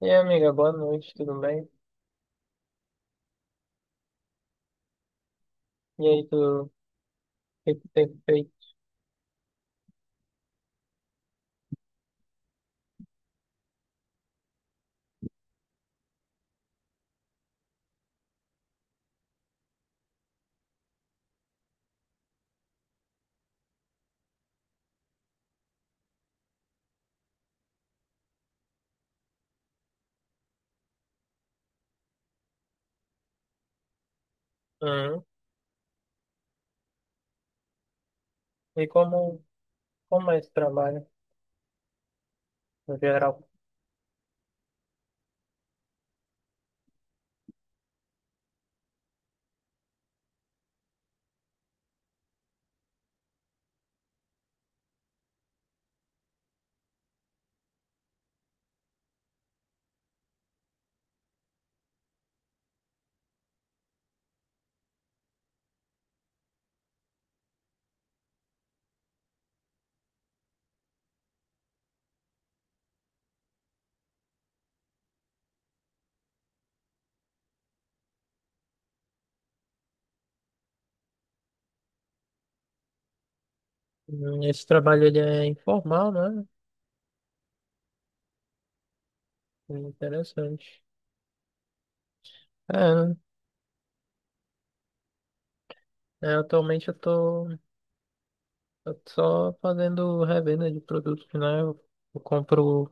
E aí, amiga, boa noite, tudo bem? E aí, tu, o que que tem feito? Hum. E como, como é esse trabalho, no geral? Esse trabalho, ele é informal, né? Interessante. É, né? É, atualmente eu tô só fazendo revenda de produtos, né? Eu compro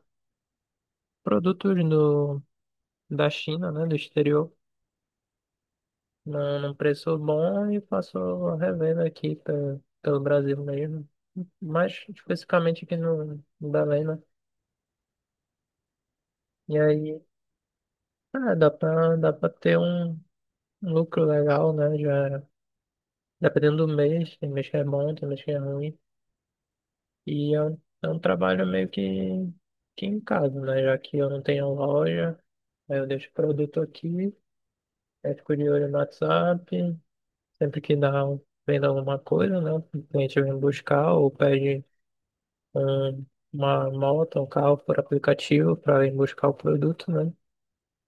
produtos da China, né? Do exterior, num preço bom e faço a revenda aqui pelo Brasil mesmo. Mais especificamente aqui no Belém, né? E aí ah, dá pra ter um lucro legal, né? Já, dependendo do mês, tem mês que é bom, tem mês que é ruim. E é um trabalho meio que em casa, né? Já que eu não tenho loja, aí eu deixo o produto aqui, aí fico de olho no WhatsApp. Sempre que dá, vendo alguma coisa, né? O cliente vem buscar ou pede um, uma moto, um carro por aplicativo para ir buscar o produto, né?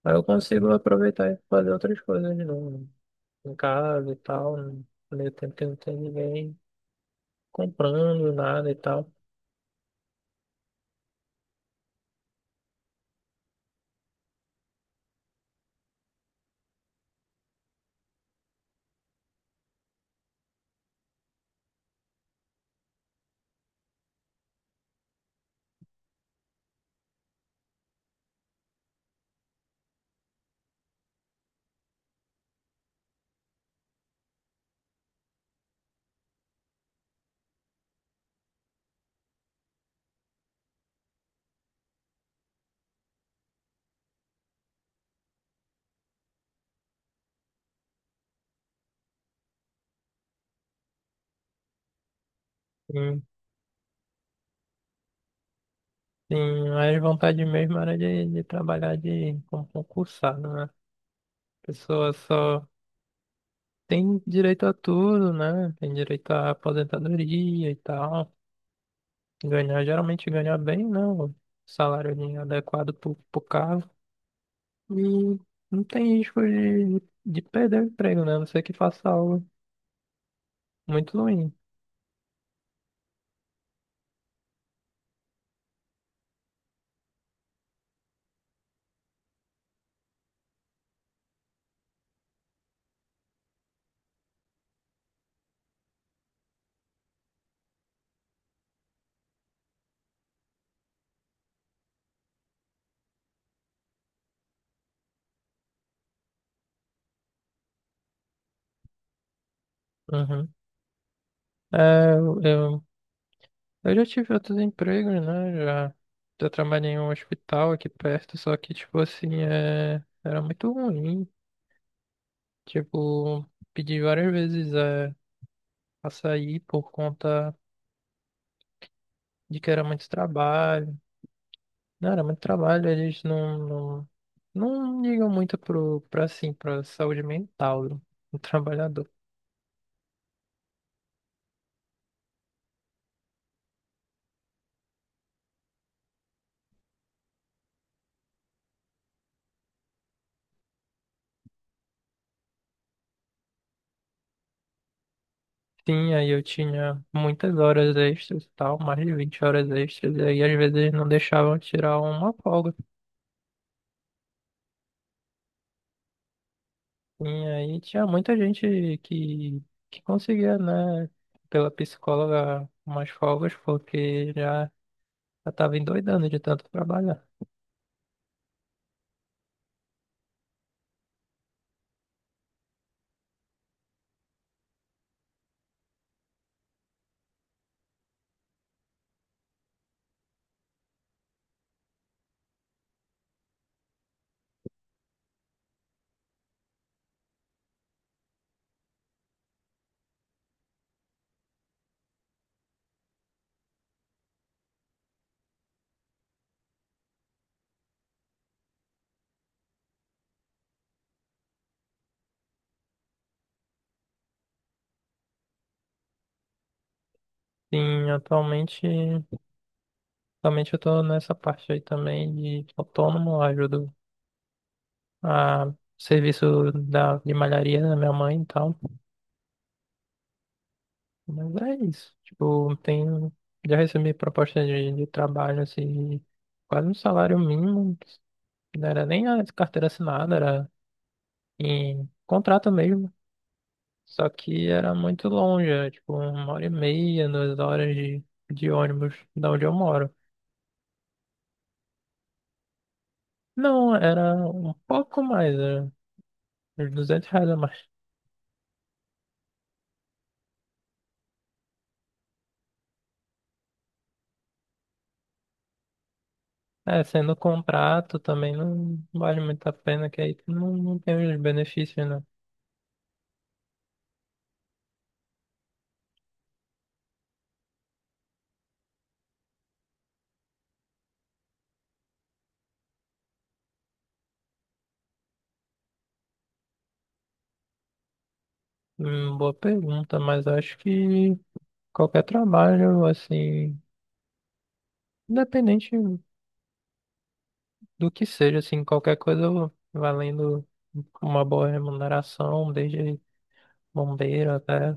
Aí eu consigo aproveitar e fazer outras coisas de novo em casa e tal, no meio tempo que não tem ninguém comprando nada e tal. Sim, sim, mas vontade mesmo era de trabalhar de, como concursado, né? A pessoa só tem direito a tudo, né? Tem direito à aposentadoria e tal. Ganhar, geralmente ganhar bem, né? O salário ali adequado pro cargo. E não tem risco de perder o emprego, né? A não ser que faça algo muito ruim. Uhum. É, eu, eu já tive outros empregos, né? Já trabalhei em um hospital aqui perto, só que, tipo assim, era muito ruim. Tipo, pedi várias vezes pra sair por conta de que era muito trabalho. Não, era muito trabalho, eles não ligam muito assim, pra saúde mental do trabalhador. Sim, aí eu tinha muitas horas extras e tal, mais de 20 horas extras, e aí às vezes não deixavam tirar uma folga. E aí tinha muita gente que conseguia, né, pela psicóloga, umas folgas, porque já estava endoidando de tanto trabalhar. Sim, atualmente eu estou nessa parte aí também de autônomo, eu ajudo a serviço de malharia da minha mãe e tal. Mas é isso, tipo, já recebi proposta de trabalho, assim, quase um salário mínimo, não era nem a carteira assinada, era em contrato mesmo. Só que era muito longe, era tipo uma hora e meia, duas horas de ônibus da onde eu moro. Não, era um pouco mais, era uns R$ 200 a mais. É, sendo contrato também não vale muito a pena, que aí não tem os benefícios, né? Boa pergunta, mas acho que qualquer trabalho, assim, independente do que seja, assim, qualquer coisa valendo uma boa remuneração, desde bombeiro até.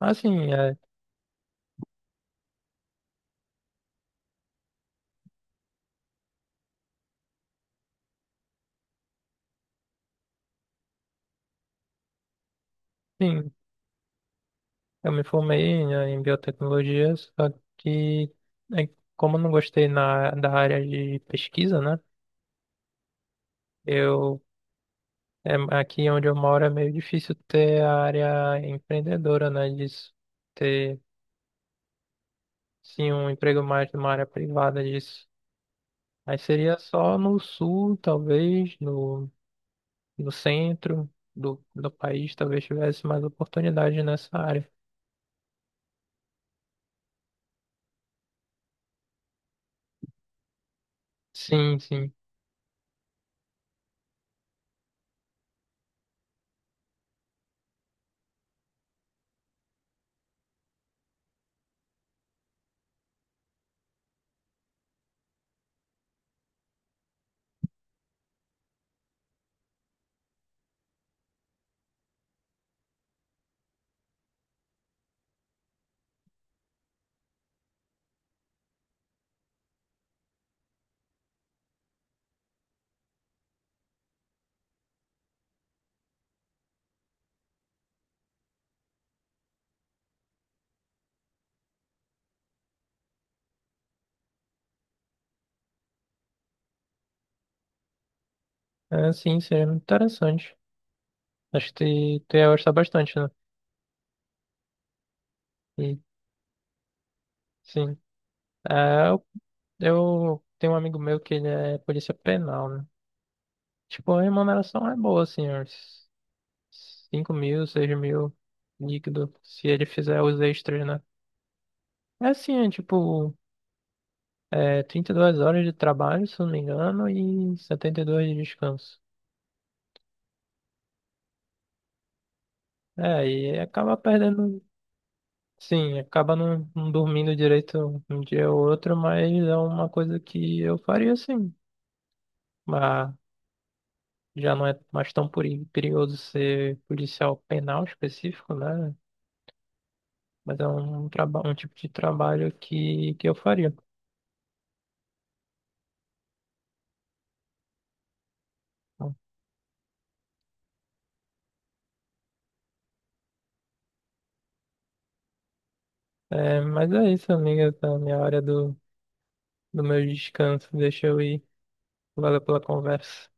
Assim, é, sim, eu me formei, né, em biotecnologia, que é, como eu não gostei da área de pesquisa, né? Eu, aqui onde eu moro é meio difícil ter a área empreendedora, né? Disso, ter, sim, um emprego mais numa área privada disso. Aí seria só no sul, talvez, no centro do país, talvez tivesse mais oportunidade nessa área. Sim, sim. É, sim, seria muito interessante. Acho que tu ia gostar bastante, né? E, sim. É, eu, eu tenho um amigo meu que ele é polícia penal, né? Tipo, a remuneração é boa, assim, uns 5 mil, 6 mil líquido, se ele fizer os extras, né? É assim, é tipo, é 32 horas de trabalho, se eu não me engano, e 72 de descanso. É, e acaba perdendo, sim, acaba não dormindo direito um dia ou outro, mas é uma coisa que eu faria, sim. Mas já não é mais tão perigoso ser policial penal específico, né? Mas é um, traba um tipo de trabalho que eu faria. Então, é, mas é isso, amiga, tá na minha hora do meu descanso. Deixa eu ir. Valeu pela conversa.